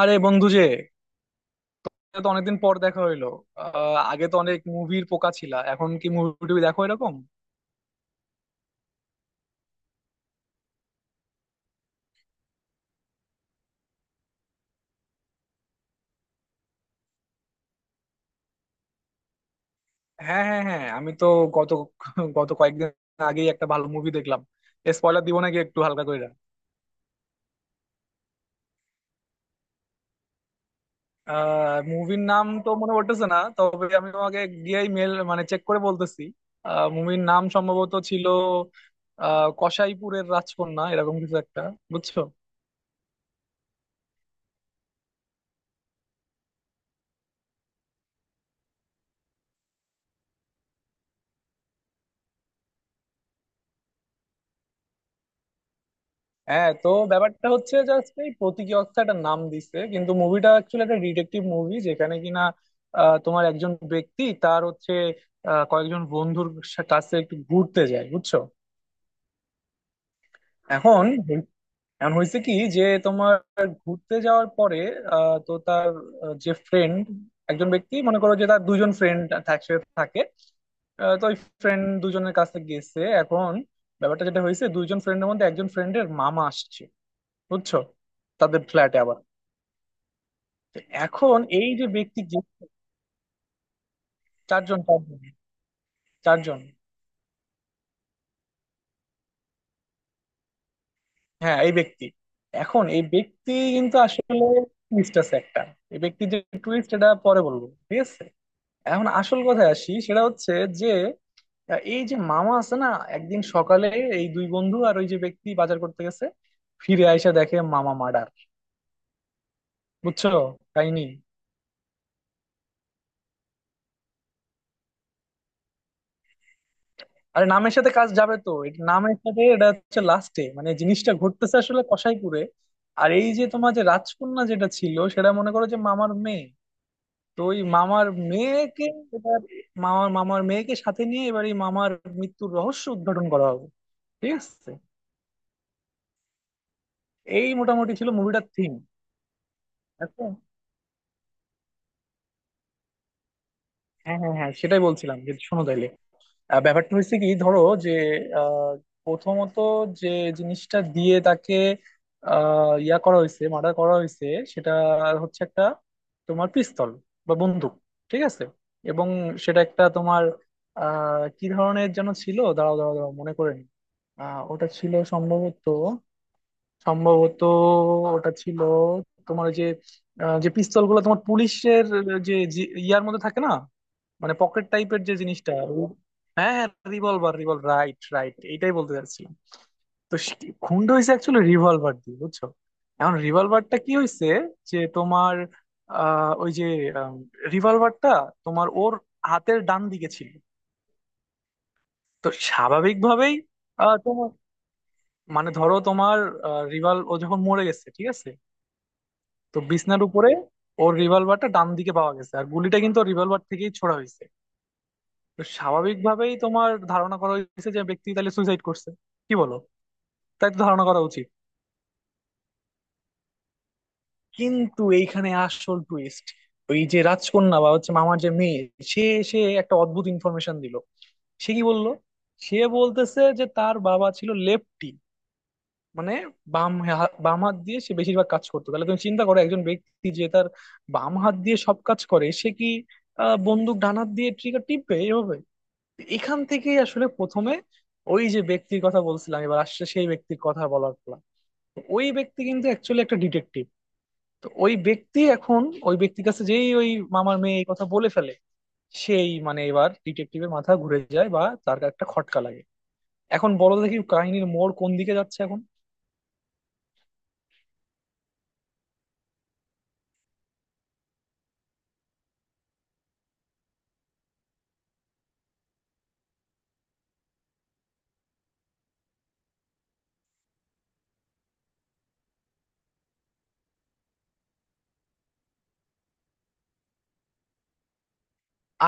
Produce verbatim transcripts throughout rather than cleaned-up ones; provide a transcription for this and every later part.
আরে বন্ধু যে, এটা তো অনেকদিন পর দেখা হইলো। আহ, আগে তো অনেক মুভির পোকা ছিলা, এখন কি মুভি টুভি দেখো এরকম? হ্যাঁ হ্যাঁ হ্যাঁ, আমি তো গত গত কয়েকদিন আগেই একটা ভালো মুভি দেখলাম। স্পয়লার দিব নাকি একটু হালকা করে? আহ মুভির নাম তো মনে পড়তেছে না, তবে আমি তোমাকে গিয়েই মেল মানে চেক করে বলতেছি। আহ মুভির নাম সম্ভবত ছিল আহ কসাইপুরের রাজকন্যা এরকম কিছু একটা। বুঝছো? হ্যাঁ, তো ব্যাপারটা হচ্ছে জাস্ট এই প্রতীকী অর্থে একটা নাম দিছে, কিন্তু মুভিটা অ্যাকচুয়ালি একটা ডিটেকটিভ মুভি, যেখানে কিনা আহ, তোমার একজন ব্যক্তি তার হচ্ছে আহ, কয়েকজন বন্ধুর সা- কাছে একটু ঘুরতে যায়। বুঝছো? এখন হই- এখন হয়েছে কি যে তোমার ঘুরতে যাওয়ার পরে আহ, তো তার আহ, যে ফ্রেন্ড একজন ব্যক্তি মনে করো যে তার দুজন ফ্রেন্ড একসাথে থাকে। আহ, তো ওই ফ্রেন্ড দুজনের কাছে গেছে। এখন ব্যাপারটা যেটা হয়েছে, দুইজন ফ্রেন্ডের মধ্যে একজন ফ্রেন্ডের মামা আসছে, বুঝছো, তাদের ফ্ল্যাটে আবার। তো এখন এই যে ব্যক্তি যে- চারজন চারজন চারজন। হ্যাঁ এই ব্যক্তি, এখন এই ব্যক্তি কিন্তু আসলে টুইস্ট আছে একটা। এই ব্যক্তি যে, টুইস্ট এটা পরে বলবো, ঠিক আছে। এখন আসল কথায় আসি, সেটা হচ্ছে যে আহ, এই যে মামা আছে না, একদিন সকালে এই দুই বন্ধু আর ওই যে ব্যক্তি বাজার করতে গেছে, ফিরে আইসা দেখে মামা মার্ডার। বুঝছো কাহিনী? আরে নামের সাথে কাজ যাবে তো, এটা নামের সাথে, এটা হচ্ছে লাস্টে মানে জিনিসটা ঘটতেছে আসলে কসাইপুরে। আর এই যে তোমার যে রাজকন্যা যেটা ছিল, সেটা মনে করো যে মামার মেয়ে। তো ওই মামার মেয়েকে এবার মামার মামার মেয়েকে সাথে নিয়ে এবার এই মামার মৃত্যুর রহস্য উদ্ঘাটন করা হবে, ঠিক আছে। এই মোটামুটি ছিল মুভিটার থিম। এখন হ্যাঁ হ্যাঁ হ্যাঁ, সেটাই বলছিলাম যে শোনো তাইলে। আহ ব্যাপারটা হচ্ছে কি, ধরো যে আহ, প্রথমত যে জিনিসটা দিয়ে তাকে আহ, ইয়া করা হয়েছে, মার্ডার করা হয়েছে, সেটা হচ্ছে একটা তোমার পিস্তল বা বন্দুক, ঠিক আছে। এবং সেটা একটা তোমার আহ কি ধরনের যেন ছিল, দাঁড়াও দাঁড়াও দাঁড়াও মনে করে নি। আহ ওটা ছিল সম্ভবত, সম্ভবত ওটা ছিল তোমার ওই যে আহ, যে পিস্তল গুলো তোমার পুলিশের যে জি- ইয়ার মধ্যে থাকে না, মানে পকেট টাইপের যে জিনিসটা ও- হ্যাঁ হ্যাঁ, রিভলভার রিভলভার, রাইট রাইট, এইটাই বলতে চাচ্ছিলাম। তো সে- খুনটা হয়েছে অ্যাকচুয়ালি রিভলভার দিয়ে, বুঝছো। এখন রিভলভারটা কি হয়েছে, যে তোমার আহ ওই যে রিভলভারটা তোমার ওর হাতের ডান দিকে ছিল। তো স্বাভাবিকভাবেই আহ, তোমার মানে ধরো তোমার রিভল ও যখন মরে গেছে, ঠিক আছে। তো বিছনার উপরে ওর রিভলভারটা ডান দিকে পাওয়া গেছে, আর গুলিটা কিন্তু রিভলভার থেকেই ছোড়া হয়েছে। তো স্বাভাবিকভাবেই তোমার ধারণা করা হয়েছে যে ব্যক্তি তাহলে সুইসাইড করছে। কি বলো, তাই তো ধারণা করা উচিত? কিন্তু এইখানে আসল টুইস্ট, ওই যে রাজকন্যা বা হচ্ছে মামার যে মেয়ে, সে সে একটা অদ্ভুত ইনফরমেশন দিল। সে কি বললো? সে বলতেছে যে তার বাবা ছিল লেফটি, মানে বাম হা- বাম হাত দিয়ে সে বেশিরভাগ কাজ করতো। তাহলে তুমি চিন্তা করো একজন ব্যক্তি যে তার বাম হাত দিয়ে সব কাজ করে, সে কি আহ, বন্দুক ডান হাত দিয়ে ট্রিগার টিপবে এভাবে? এখান থেকেই আসলে প্রথমে ওই যে ব্যক্তির কথা বলছিলাম, এবার আসছে সেই ব্যক্তির কথা বলার পালা। তো ওই ব্যক্তি কিন্তু অ্যাকচুয়ালি একটা ডিটেকটিভ। তো ওই ব্যক্তি এখন, ওই ব্যক্তির কাছে যেই ওই মামার মেয়ে এই কথা বলে ফেলে, সেই মানে এবার ডিটেকটিভের মাথা ঘুরে যায় বা তার একটা খটকা লাগে। এখন বলো দেখি কাহিনীর মোড় কোন দিকে যাচ্ছে এখন।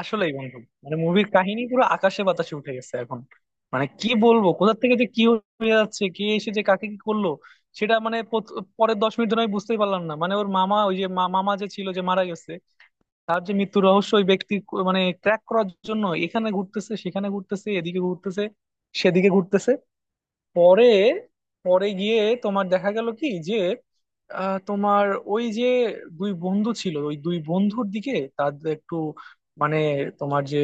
আসলেই বন্ধু, মানে মুভির কাহিনী পুরো আকাশে বাতাসে উঠে গেছে এখন। মানে কি বলবো, কোথা থেকে যে কি হয়ে যাচ্ছে, কে এসে যে কাকে কি করলো, সেটা মানে পত- পরের দশ মিনিট ধরে আমি বুঝতেই পারলাম না। মানে ওর মামা, ওই যে মা- মামা যে ছিল যে মারা গেছে, তার যে মৃত্যু রহস্য ওই ব্যক্তি ক- মানে ক্র্যাক করার জন্য এখানে ঘুরতেছে, সেখানে ঘুরতেছে, এদিকে ঘুরতেছে, সেদিকে ঘুরতেছে। পরে পরে গিয়ে তোমার দেখা গেল কি যে আহ, তোমার ওই যে দুই বন্ধু ছিল, ওই দুই বন্ধুর দিকে তাদের একটু মানে তোমার যে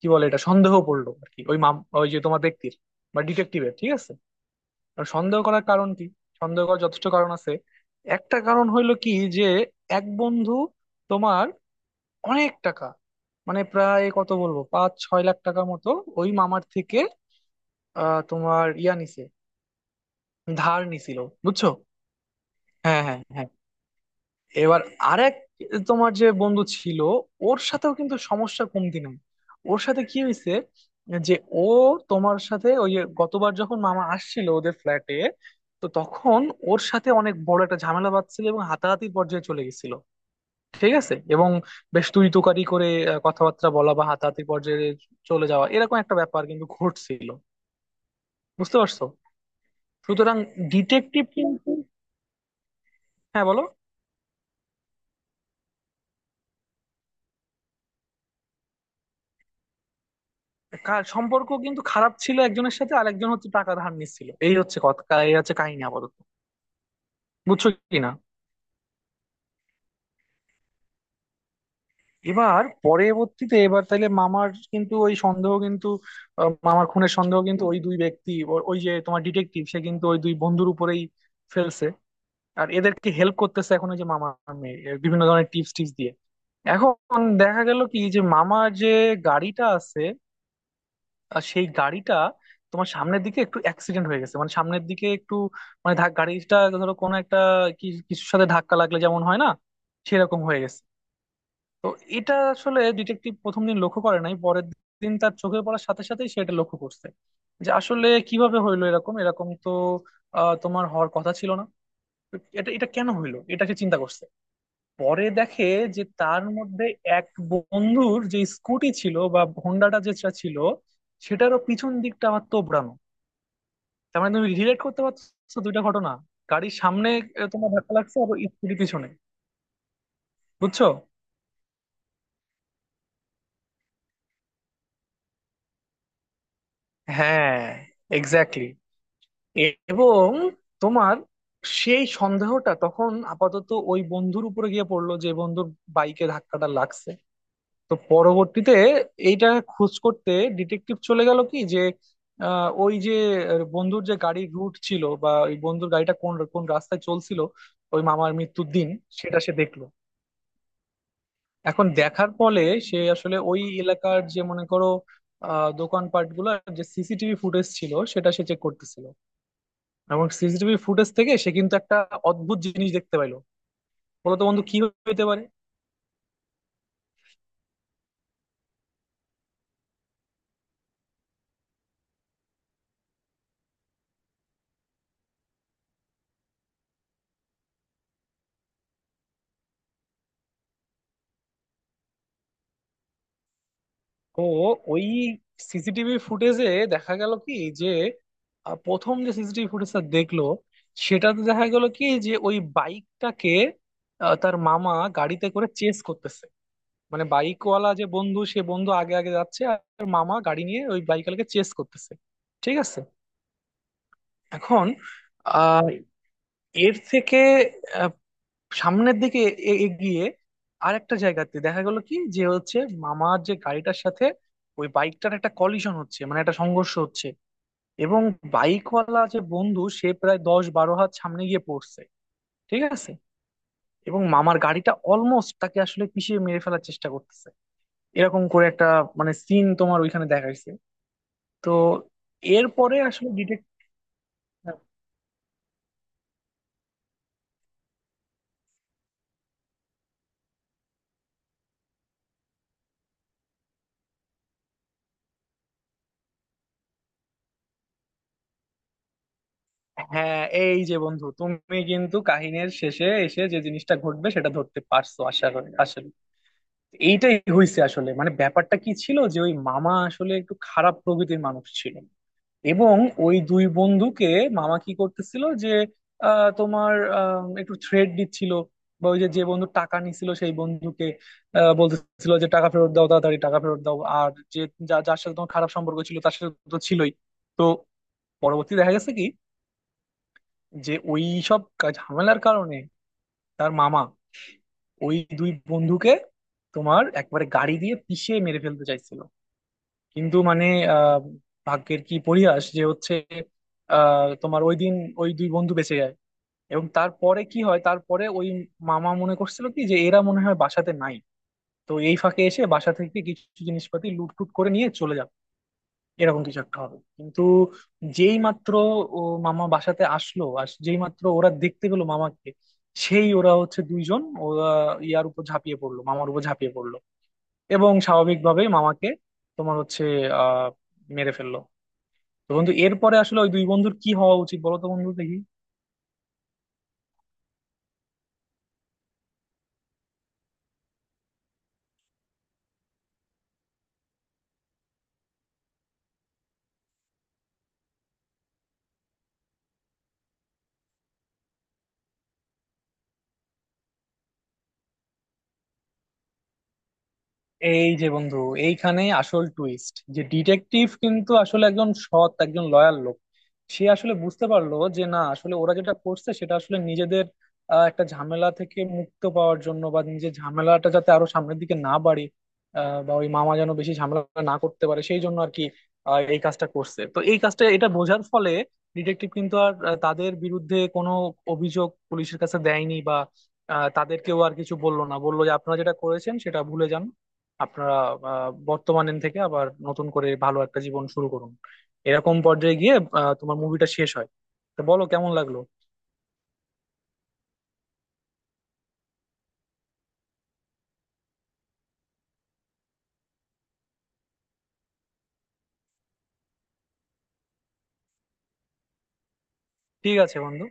কি বলে, এটা সন্দেহ পড়লো আর কি, ওই মাম ওই যে তোমার ব্যক্তির বা ডিটেকটিভের, ঠিক আছে। আর সন্দেহ করার কারণ কি? সন্দেহ করার যথেষ্ট কারণ আছে। একটা কারণ হইলো কি, যে এক বন্ধু তোমার অনেক টাকা, মানে প্রায় কত বলবো পাঁচ ছয় লাখ টাকা মতো ওই মামার থেকে আহ তোমার ইয়া নিছে, ধার নিছিল, বুঝছো। হ্যাঁ হ্যাঁ হ্যাঁ, এবার আরেক তোমার যে বন্ধু ছিল, ওর সাথেও কিন্তু সমস্যা কমতি নাই। ওর সাথে কি হয়েছে, যে ও তোমার সাথে, ওই যে গতবার যখন মামা আসছিল ওদের ফ্ল্যাটে, তো তখন ওর সাথে অনেক বড় একটা ঝামেলা বাঁধছিল এবং হাতাহাতির পর্যায়ে চলে গেছিল, ঠিক আছে। এবং বেশ তুই তুকারি করে আহ, কথাবার্তা বলা বা হাতাহাতির পর্যায়ে চলে যাওয়া এরকম একটা ব্যাপার কিন্তু ঘটছিল। বুঝতে পারছো? সুতরাং ডিটেকটিভ কিন্তু। হ্যাঁ বলো। কা- সম্পর্ক কিন্তু খারাপ ছিল একজনের সাথে, আর একজন হচ্ছে টাকা ধার নিচ্ছিল। এই হচ্ছে কথা, এই হচ্ছে কাহিনী আপাতত, বুঝছো কি না। এবার পরবর্তীতে এবার তাইলে মামার কিন্তু ওই সন্দেহ কিন্তু আহ, মামার খুনের সন্দেহ কিন্তু ওই দুই ব্যক্তি ও- ওই যে তোমার ডিটেকটিভ সে কিন্তু ওই দুই বন্ধুর উপরেই ফেলছে। আর এদেরকে হেল্প করতেছে এখন ওই যে মামার মেয়ে, এর বিভিন্ন ধরনের টিপস টিপস দিয়ে। এখন দেখা গেল কি যে মামার যে গাড়িটা আছে, আর সেই গাড়িটা তোমার সামনের দিকে একটু অ্যাক্সিডেন্ট হয়ে গেছে, মানে সামনের দিকে একটু মানে ধাক- গাড়িটা ধরো কোনো একটা কি- কিছুর সাথে ধাক্কা লাগলে যেমন হয় না, সেরকম হয়ে গেছে। তো এটা আসলে ডিটেকটিভ প্রথম দিন লক্ষ্য করে নাই, পরের দিন তার চোখে পড়ার সাথে সাথেই সে এটা লক্ষ্য করছে যে আসলে কিভাবে হইলো এরকম এরকম, তো আহ তোমার হওয়ার কথা ছিল না, এটা এটা কেন হইলো এটা সে চিন্তা করছে। পরে দেখে যে তার মধ্যে এক বন্ধুর যে স্কুটি ছিল বা হোন্ডাটা যেটা ছিল সেটারও পিছন দিকটা আবার তোবড়ানো। তার মানে তুমি রিলেট করতে পারছো দুইটা ঘটনা, গাড়ির সামনে আহ, তোমার ধাক্কা লাগছে আর স্কুটি পিছনে, বুঝছো। হ্যাঁ, এক্স্যাক্টলি। এবং তোমার সেই সন্দেহটা তখন আপাতত ওই বন্ধুর উপরে গিয়ে পড়লো যে বন্ধুর বাইকে ধাক্কাটা লাগছে। তো পরবর্তীতে এইটা খোঁজ করতে ডিটেকটিভ চলে গেল কি যে আহ, ওই যে আহ, বন্ধুর যে গাড়ির রুট ছিল বা ওই বন্ধুর গাড়িটা কোন কোন রাস্তায় চলছিল ওই মামার মৃত্যুর দিন, সেটা সে দেখলো। এখন দেখার ফলে সে আসলে ওই এলাকার যে মনে করো আহ দোকানপাট গুলো যে সিসিটিভি ফুটেজ ছিল সেটা সে চেক করতেছিল। এবং সিসিটিভি ফুটেজ থেকে সে কিন্তু একটা অদ্ভুত জিনিস দেখতে পাইলো। বলতো বন্ধু কি হইতে পারে? তো ওই সিসিটিভি ফুটেজে দেখা গেল কি যে আহ, প্রথম যে সিসিটিভি ফুটেজটা দেখলো, সেটাতে দেখা গেল কি যে ওই বাইকটাকে আহ, তার মামা গাড়িতে করে চেস করতেছে, মানে বাইকওয়ালা যে বন্ধু সে বন্ধু আগে আগে যাচ্ছে আর তার মামা গাড়ি নিয়ে ওই বাইকওয়ালাকে চেস করতেছে, ঠিক আছে। এখন আহ এর থেকে সামনের দিকে এ- এগিয়ে আর একটা জায়গাতে দেখা গেল কি যে হচ্ছে মামার যে গাড়িটার সাথে ওই বাইকটার একটা কলিশন হচ্ছে, মানে একটা সংঘর্ষ হচ্ছে। এবং বাইকওয়ালা যে বন্ধু সে প্রায় দশ বারো হাত সামনে গিয়ে পড়ছে, ঠিক আছে। এবং মামার গাড়িটা অলমোস্ট তাকে আসলে পিষে মেরে ফেলার চেষ্টা করতেছে, এরকম করে একটা মানে সিন তোমার ওইখানে দেখাইছে। তো এরপরে আসলে ডিটেক্ট হ্যাঁ এই যে বন্ধু, তুমি কিন্তু কাহিনীর শেষে এসে যে জিনিসটা ঘটবে সেটা ধরতে পারছো আশা করি। আসলে এইটাই হয়েছে আসলে, মানে ব্যাপারটা কি ছিল যে ওই মামা আসলে একটু খারাপ প্রকৃতির মানুষ ছিল। এবং ওই দুই বন্ধুকে মামা কি করতেছিল যে আহ, তোমার আহ, একটু থ্রেট দিচ্ছিল, বা ওই যে যে বন্ধু টাকা নিছিল সেই বন্ধুকে আহ, বলতেছিল যে টাকা ফেরত দাও, তাড়াতাড়ি টাকা ফেরত দাও, আর যে যা- যার সাথে তোমার খারাপ সম্পর্ক ছিল তার সাথে তো ছিলই। তো পরবর্তী দেখা গেছে কি, যে ওই সব কা- ঝামেলার কারণে তার মামা ওই দুই বন্ধুকে তোমার একবারে গাড়ি দিয়ে পিষে মেরে ফেলতে চাইছিল। কিন্তু মানে আহ ভাগ্যের কি পরিহাস যে হচ্ছে আহ তোমার ওই দিন ওই দুই বন্ধু বেঁচে যায়। এবং তারপরে কি হয়, তারপরে ওই মামা মনে করছিল কি যে এরা মনে হয় বাসাতে নাই, তো এই ফাঁকে এসে বাসা থেকে কিছু জিনিসপাতি লুট টুট করে নিয়ে চলে যাবে এরকম কিছু একটা হবে। কিন্তু যেই মাত্র ও মামা বাসাতে আসলো আর যেই মাত্র ওরা দেখতে পেলো মামাকে, সেই ওরা হচ্ছে দুইজন ওরা ইয়ার উপর ঝাঁপিয়ে পড়লো, মামার উপর ঝাঁপিয়ে পড়লো। এবং স্বাভাবিকভাবেই মামাকে তোমার হচ্ছে আহ মেরে ফেললো। তো বন্ধু এরপরে আসলে ওই দুই বন্ধুর কি হওয়া উচিত বলো তো বন্ধু দেখি। এই যে বন্ধু, এইখানে আসল টুইস্ট, যে ডিটেকটিভ কিন্তু আসলে একজন সৎ, একজন লয়াল লোক। সে আসলে বুঝতে পারলো যে না আসলে ওরা যেটা করছে সেটা আসলে নিজেদের আহ, একটা ঝামেলা থেকে মুক্ত পাওয়ার জন্য, বা নিজের ঝামেলাটা যাতে আরো সামনের দিকে না বাড়ে আহ, বা ওই মামা যেন বেশি ঝামেলা না করতে পারে সেই জন্য আর কি আহ, এই কাজটা করছে। তো এই কাজটা এটা বোঝার ফলে ডিটেকটিভ কিন্তু আর আহ, তাদের বিরুদ্ধে কোনো অভিযোগ পুলিশের কাছে দেয়নি বা আহ, তাদেরকেও আর কিছু বললো না, বললো যে আপনারা যেটা করেছেন সেটা ভুলে যান, আপনারা আহ, বর্তমানের থেকে আবার নতুন করে ভালো একটা জীবন শুরু করুন। এরকম পর্যায়ে গিয়ে আহ, তোমার মুভিটা শেষ হয়। তো বলো কেমন লাগলো। ঠিক আছে বন্ধু।